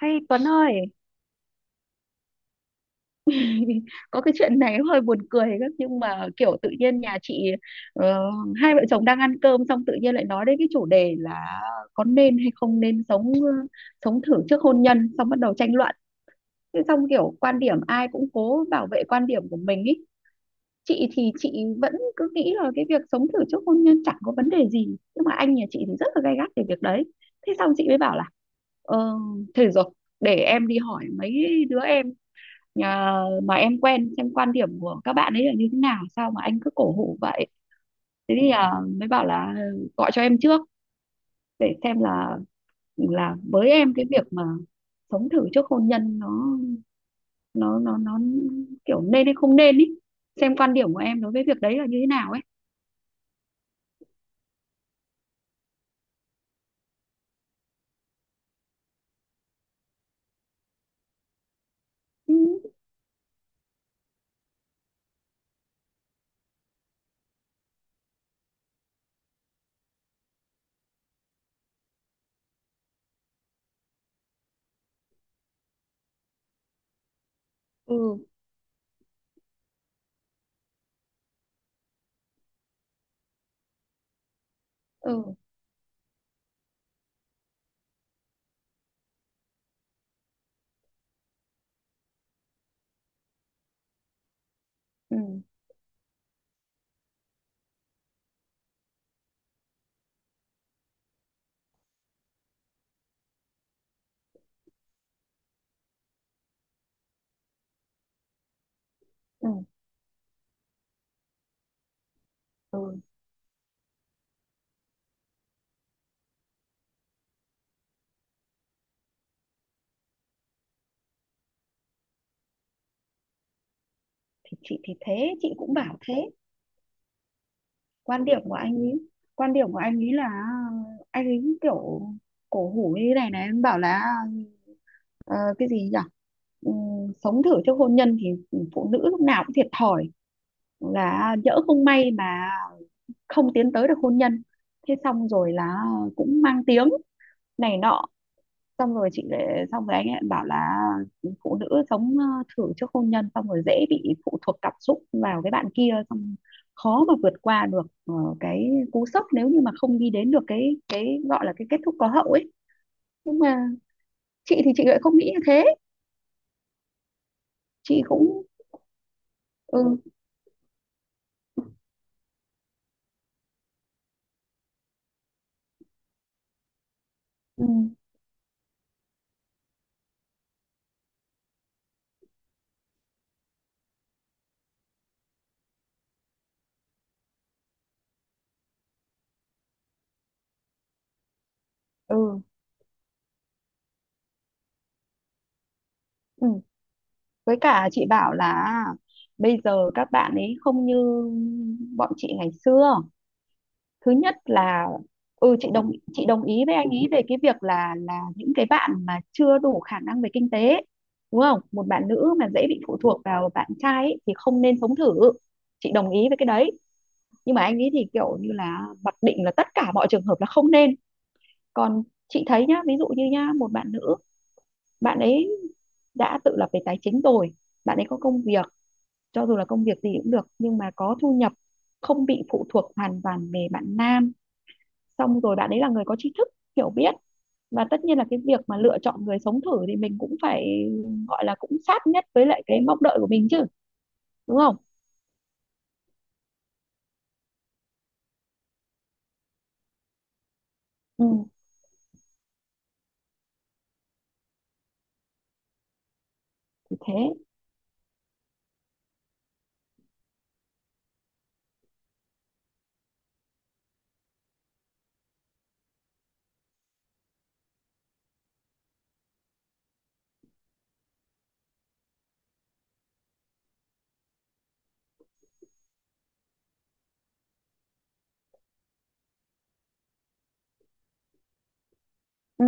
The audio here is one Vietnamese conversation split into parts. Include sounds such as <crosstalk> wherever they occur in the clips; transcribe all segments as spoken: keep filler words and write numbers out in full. Hay Tuấn ơi, <laughs> có cái chuyện này hơi buồn cười lắm, nhưng mà kiểu tự nhiên nhà chị, ờ, hai vợ chồng đang ăn cơm, xong tự nhiên lại nói đến cái chủ đề là có nên hay không nên sống, ờ, sống thử trước hôn nhân, xong bắt đầu tranh luận. Thế xong kiểu quan điểm ai cũng cố bảo vệ quan điểm của mình ý. Chị thì chị vẫn cứ nghĩ là cái việc sống thử trước hôn nhân chẳng có vấn đề gì, nhưng mà anh nhà chị thì rất là gay gắt về việc đấy. Thế xong chị mới bảo là, ờ, thế rồi để em đi hỏi mấy đứa em, à, mà em quen, xem quan điểm của các bạn ấy là như thế nào, sao mà anh cứ cổ hủ vậy. Thế thì, à, mới bảo là ờ, gọi cho em trước để xem là là với em cái việc mà sống thử trước hôn nhân nó nó nó nó kiểu nên hay không nên ý, xem quan điểm của em đối với việc đấy là như thế nào ấy. Ừ, ừ, ừ, ừ, ừ, ừ. Thì chị thì thế chị cũng bảo thế. Quan điểm của anh ấy quan điểm của anh ấy là, ờ, anh ấy kiểu cổ hủ như thế này này, em bảo là, ờ, cái gì nhỉ. Ừm, sống thử trước hôn nhân thì phụ nữ lúc nào cũng thiệt thòi, là nhỡ không may mà không tiến tới được hôn nhân, thế xong rồi là cũng mang tiếng này nọ. Xong rồi chị lại xong rồi anh ấy bảo là phụ nữ sống, ờ, thử trước hôn nhân xong rồi dễ bị phụ thuộc cảm xúc vào cái bạn kia, xong khó mà vượt qua được, ờ, cái cú sốc nếu như mà không đi đến được cái cái gọi là cái kết thúc có hậu ấy. Nhưng mà chị thì chị lại không nghĩ như thế. Chị cũng. Ừ, ừ, ừ, ừ. Với cả chị bảo là, à, bây giờ các bạn ấy không như bọn chị ngày xưa, thứ nhất là. Ừ, chị đồng chị đồng ý với anh ý về cái việc là là những cái bạn mà chưa đủ khả năng về kinh tế, đúng không, một bạn nữ mà dễ bị phụ thuộc vào bạn trai ấy, thì không nên sống thử. Chị đồng ý với cái đấy. Nhưng mà anh ý thì kiểu như là mặc định là tất cả mọi trường hợp là không nên. Còn chị thấy nhá, ví dụ như nhá, một bạn nữ, bạn ấy đã tự lập về tài chính rồi, bạn ấy có công việc, cho dù là công việc gì cũng được, nhưng mà có thu nhập, không bị phụ thuộc hoàn toàn về bạn nam, xong rồi bạn ấy là người có tri thức, hiểu biết, và tất nhiên là cái việc mà lựa chọn người sống thử thì mình cũng phải, gọi là cũng sát nhất với lại cái mong đợi của mình chứ, đúng không. Ừ, thì thế. Ừ,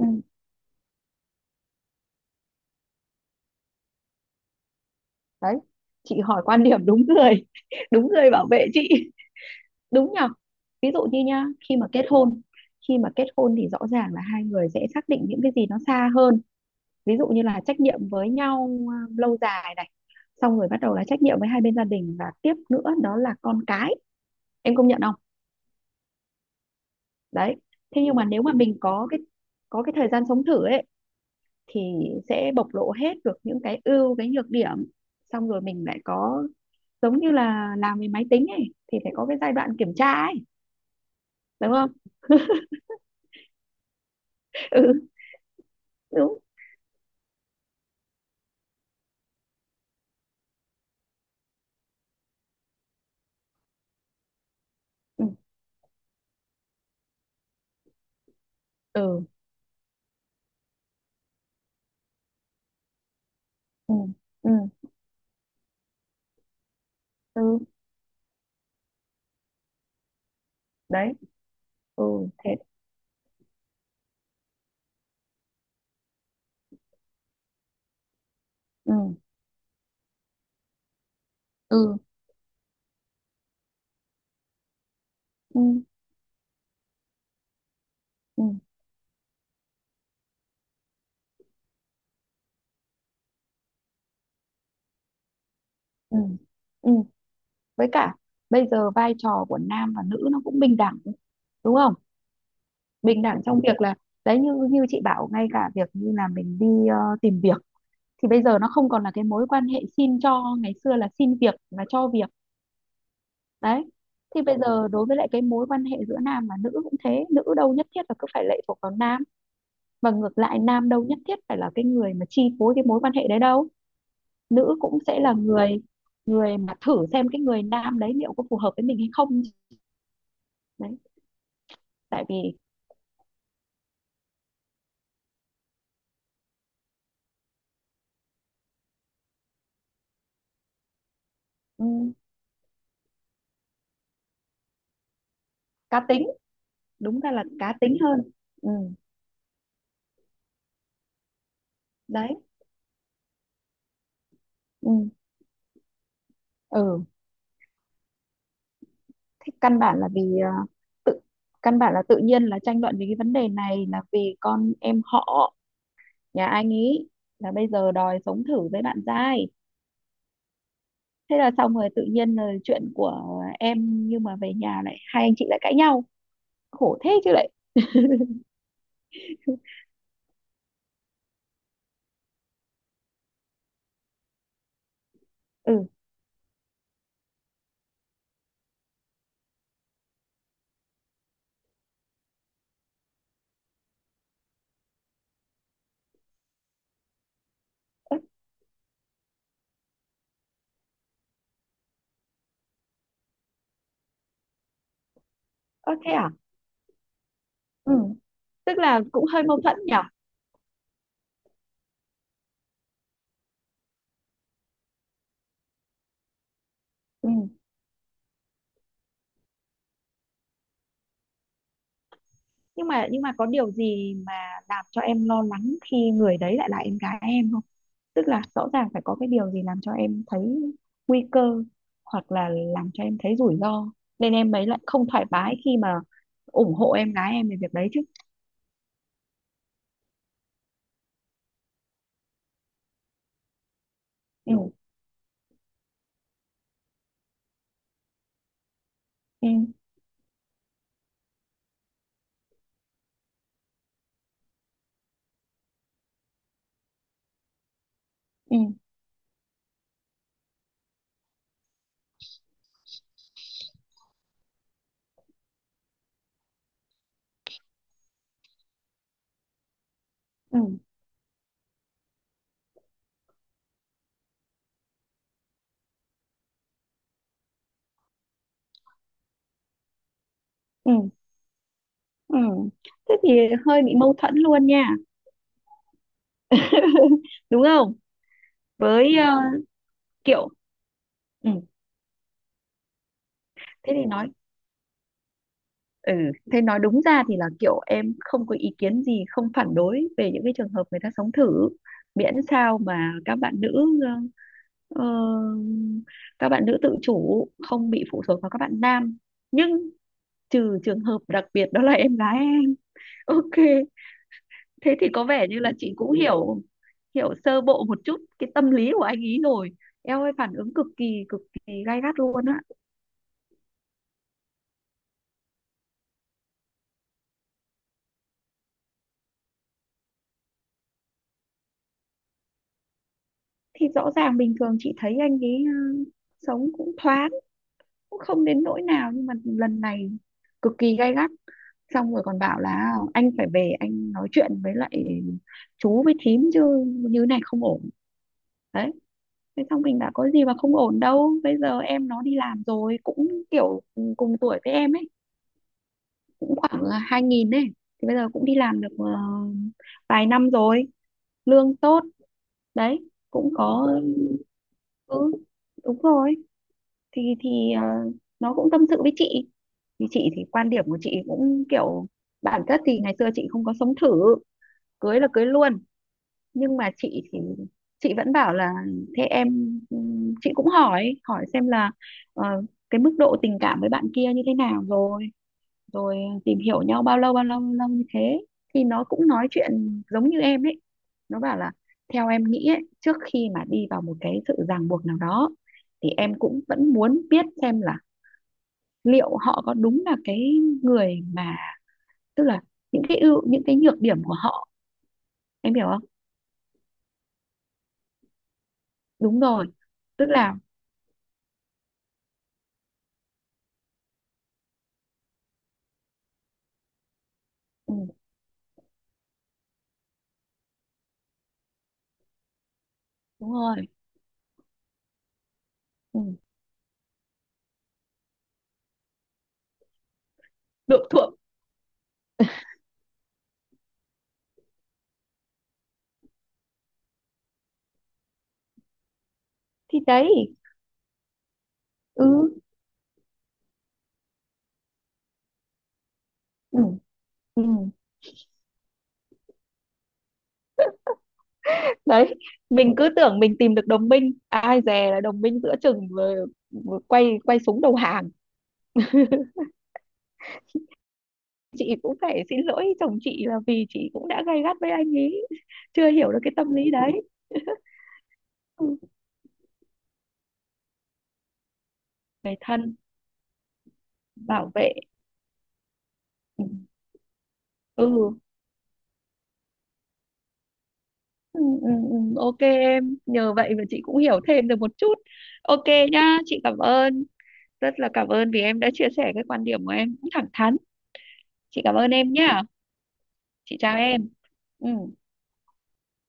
ừ. Đấy, chị hỏi quan điểm đúng người, <laughs> đúng người bảo vệ chị. <laughs> Đúng nhở. Ví dụ như nha, khi mà kết hôn khi mà kết hôn thì rõ ràng là hai người sẽ xác định những cái gì nó xa hơn, ví dụ như là trách nhiệm với nhau, à, lâu dài này, xong rồi bắt đầu là trách nhiệm với hai bên gia đình, và tiếp nữa đó là con cái. Em công nhận không. Đấy. Thế nhưng mà nếu mà mình có cái có cái thời gian sống thử ấy, thì sẽ bộc lộ hết được những cái ưu cái nhược điểm. Xong rồi mình lại có, giống như là làm về máy tính ấy thì phải có cái giai đoạn kiểm tra ấy, đúng không. <laughs> Ừ, đúng. Ừ, ừ, ừ, ừ, ừ. Đấy. Ừ, thế. Ừ, ừ, ừ, ừ, ừ, ừ. Với cả bây giờ vai trò của nam và nữ nó cũng bình đẳng, đúng không. Bình đẳng trong việc là, đấy, như như chị bảo, ngay cả việc như là mình đi, ờ, tìm việc, thì bây giờ nó không còn là cái mối quan hệ xin cho ngày xưa là xin việc và cho việc. Đấy, thì bây giờ đối với lại cái mối quan hệ giữa nam và nữ cũng thế, nữ đâu nhất thiết là cứ phải lệ thuộc vào nam, và ngược lại nam đâu nhất thiết phải là cái người mà chi phối cái mối quan hệ đấy đâu. Nữ cũng sẽ là người, người mà thử xem cái người nam đấy liệu có phù hợp với mình hay không. Đấy, tại vì. Ừ, cá tính. Đúng ra là cá tính hơn. Ừ, đấy. Ừ, ừ. Thế căn bản là vì, ờ, tự căn bản là tự nhiên là tranh luận về cái vấn đề này là vì con em họ nhà anh ý là bây giờ đòi sống thử với bạn giai, thế là xong rồi tự nhiên là chuyện của em nhưng mà về nhà lại hai anh chị lại cãi nhau, khổ thế chứ lại. Ừ, ơ, ơ, thế à. Ừ, tức là cũng hơi mâu thuẫn nhở. Ừ, nhưng mà nhưng mà có điều gì mà làm cho em lo lắng khi người đấy lại là em gái em không, tức là rõ ràng phải có cái điều gì làm cho em thấy nguy cơ, hoặc là làm cho em thấy rủi ro, nên em ấy lại không thoải mái khi mà ủng hộ em gái em về việc đấy chứ. Ừ, ừ, ừ, ừ, ừ, ừ. Thế thì hơi bị mâu thuẫn luôn nha. <laughs> Đúng không. Với, ờ, Kiệu. Ừ. Thế thì nói. Ừ, thế nói đúng ra thì là kiểu em không có ý kiến gì, không phản đối về những cái trường hợp người ta sống thử, miễn sao mà các bạn nữ ờ, ờ, các bạn nữ tự chủ không bị phụ thuộc vào các bạn nam. Nhưng trừ trường hợp đặc biệt đó là em gái em. Ok, thế thì có vẻ như là chị cũng hiểu hiểu sơ bộ một chút cái tâm lý của anh ý rồi. Em ơi phản ứng cực kỳ cực kỳ gay gắt luôn á. Thì rõ ràng bình thường chị thấy anh ấy, ờ, sống cũng thoáng, cũng không đến nỗi nào, nhưng mà lần này cực kỳ gay gắt, xong rồi còn bảo là anh phải về anh nói chuyện với lại chú với thím chứ, như này không ổn. Đấy, thế xong mình đã có gì mà không ổn đâu, bây giờ em nó đi làm rồi cũng kiểu cùng tuổi với em ấy, cũng khoảng hai nghìn ấy, thì bây giờ cũng đi làm được, ờ, vài năm rồi, lương tốt. Đấy cũng có. Ừ, đúng rồi. thì thì ờ, nó cũng tâm sự với chị, như chị thì quan điểm của chị cũng kiểu bản chất thì ngày xưa chị không có sống thử, cưới là cưới luôn, nhưng mà chị thì chị vẫn bảo là thế em. Ừm, chị cũng hỏi hỏi xem là, ờ, cái mức độ tình cảm với bạn kia như thế nào rồi, rồi tìm hiểu nhau bao lâu bao lâu bao lâu như thế, thì nó cũng nói chuyện giống như em ấy, nó bảo là theo em nghĩ ấy, trước khi mà đi vào một cái sự ràng buộc nào đó thì em cũng vẫn muốn biết xem là liệu họ có đúng là cái người mà, tức là những cái ưu những cái nhược điểm của họ, em hiểu không. Đúng rồi, tức là. Ừ, đúng rồi. Ừ, độ thượng. Thì đấy. Ừ, ừ, ừ. Đấy mình cứ tưởng mình tìm được đồng minh, ai dè là đồng minh giữa chừng, vừa, vừa quay quay súng đầu hàng, chị cũng phải xin lỗi chồng chị là vì chị cũng đã gay gắt với anh ấy chưa hiểu được cái tâm lý đấy. Ừ. Người thân, bảo vệ. Ừ. Ừ. Ừ, ừ, ừ. Ok em, nhờ vậy mà chị cũng hiểu thêm được một chút. Ok nhá, chị cảm ơn, rất là cảm ơn vì em đã chia sẻ cái quan điểm của em cũng thẳng thắn. Chị cảm ơn em nhá. Chị chào em. Ừ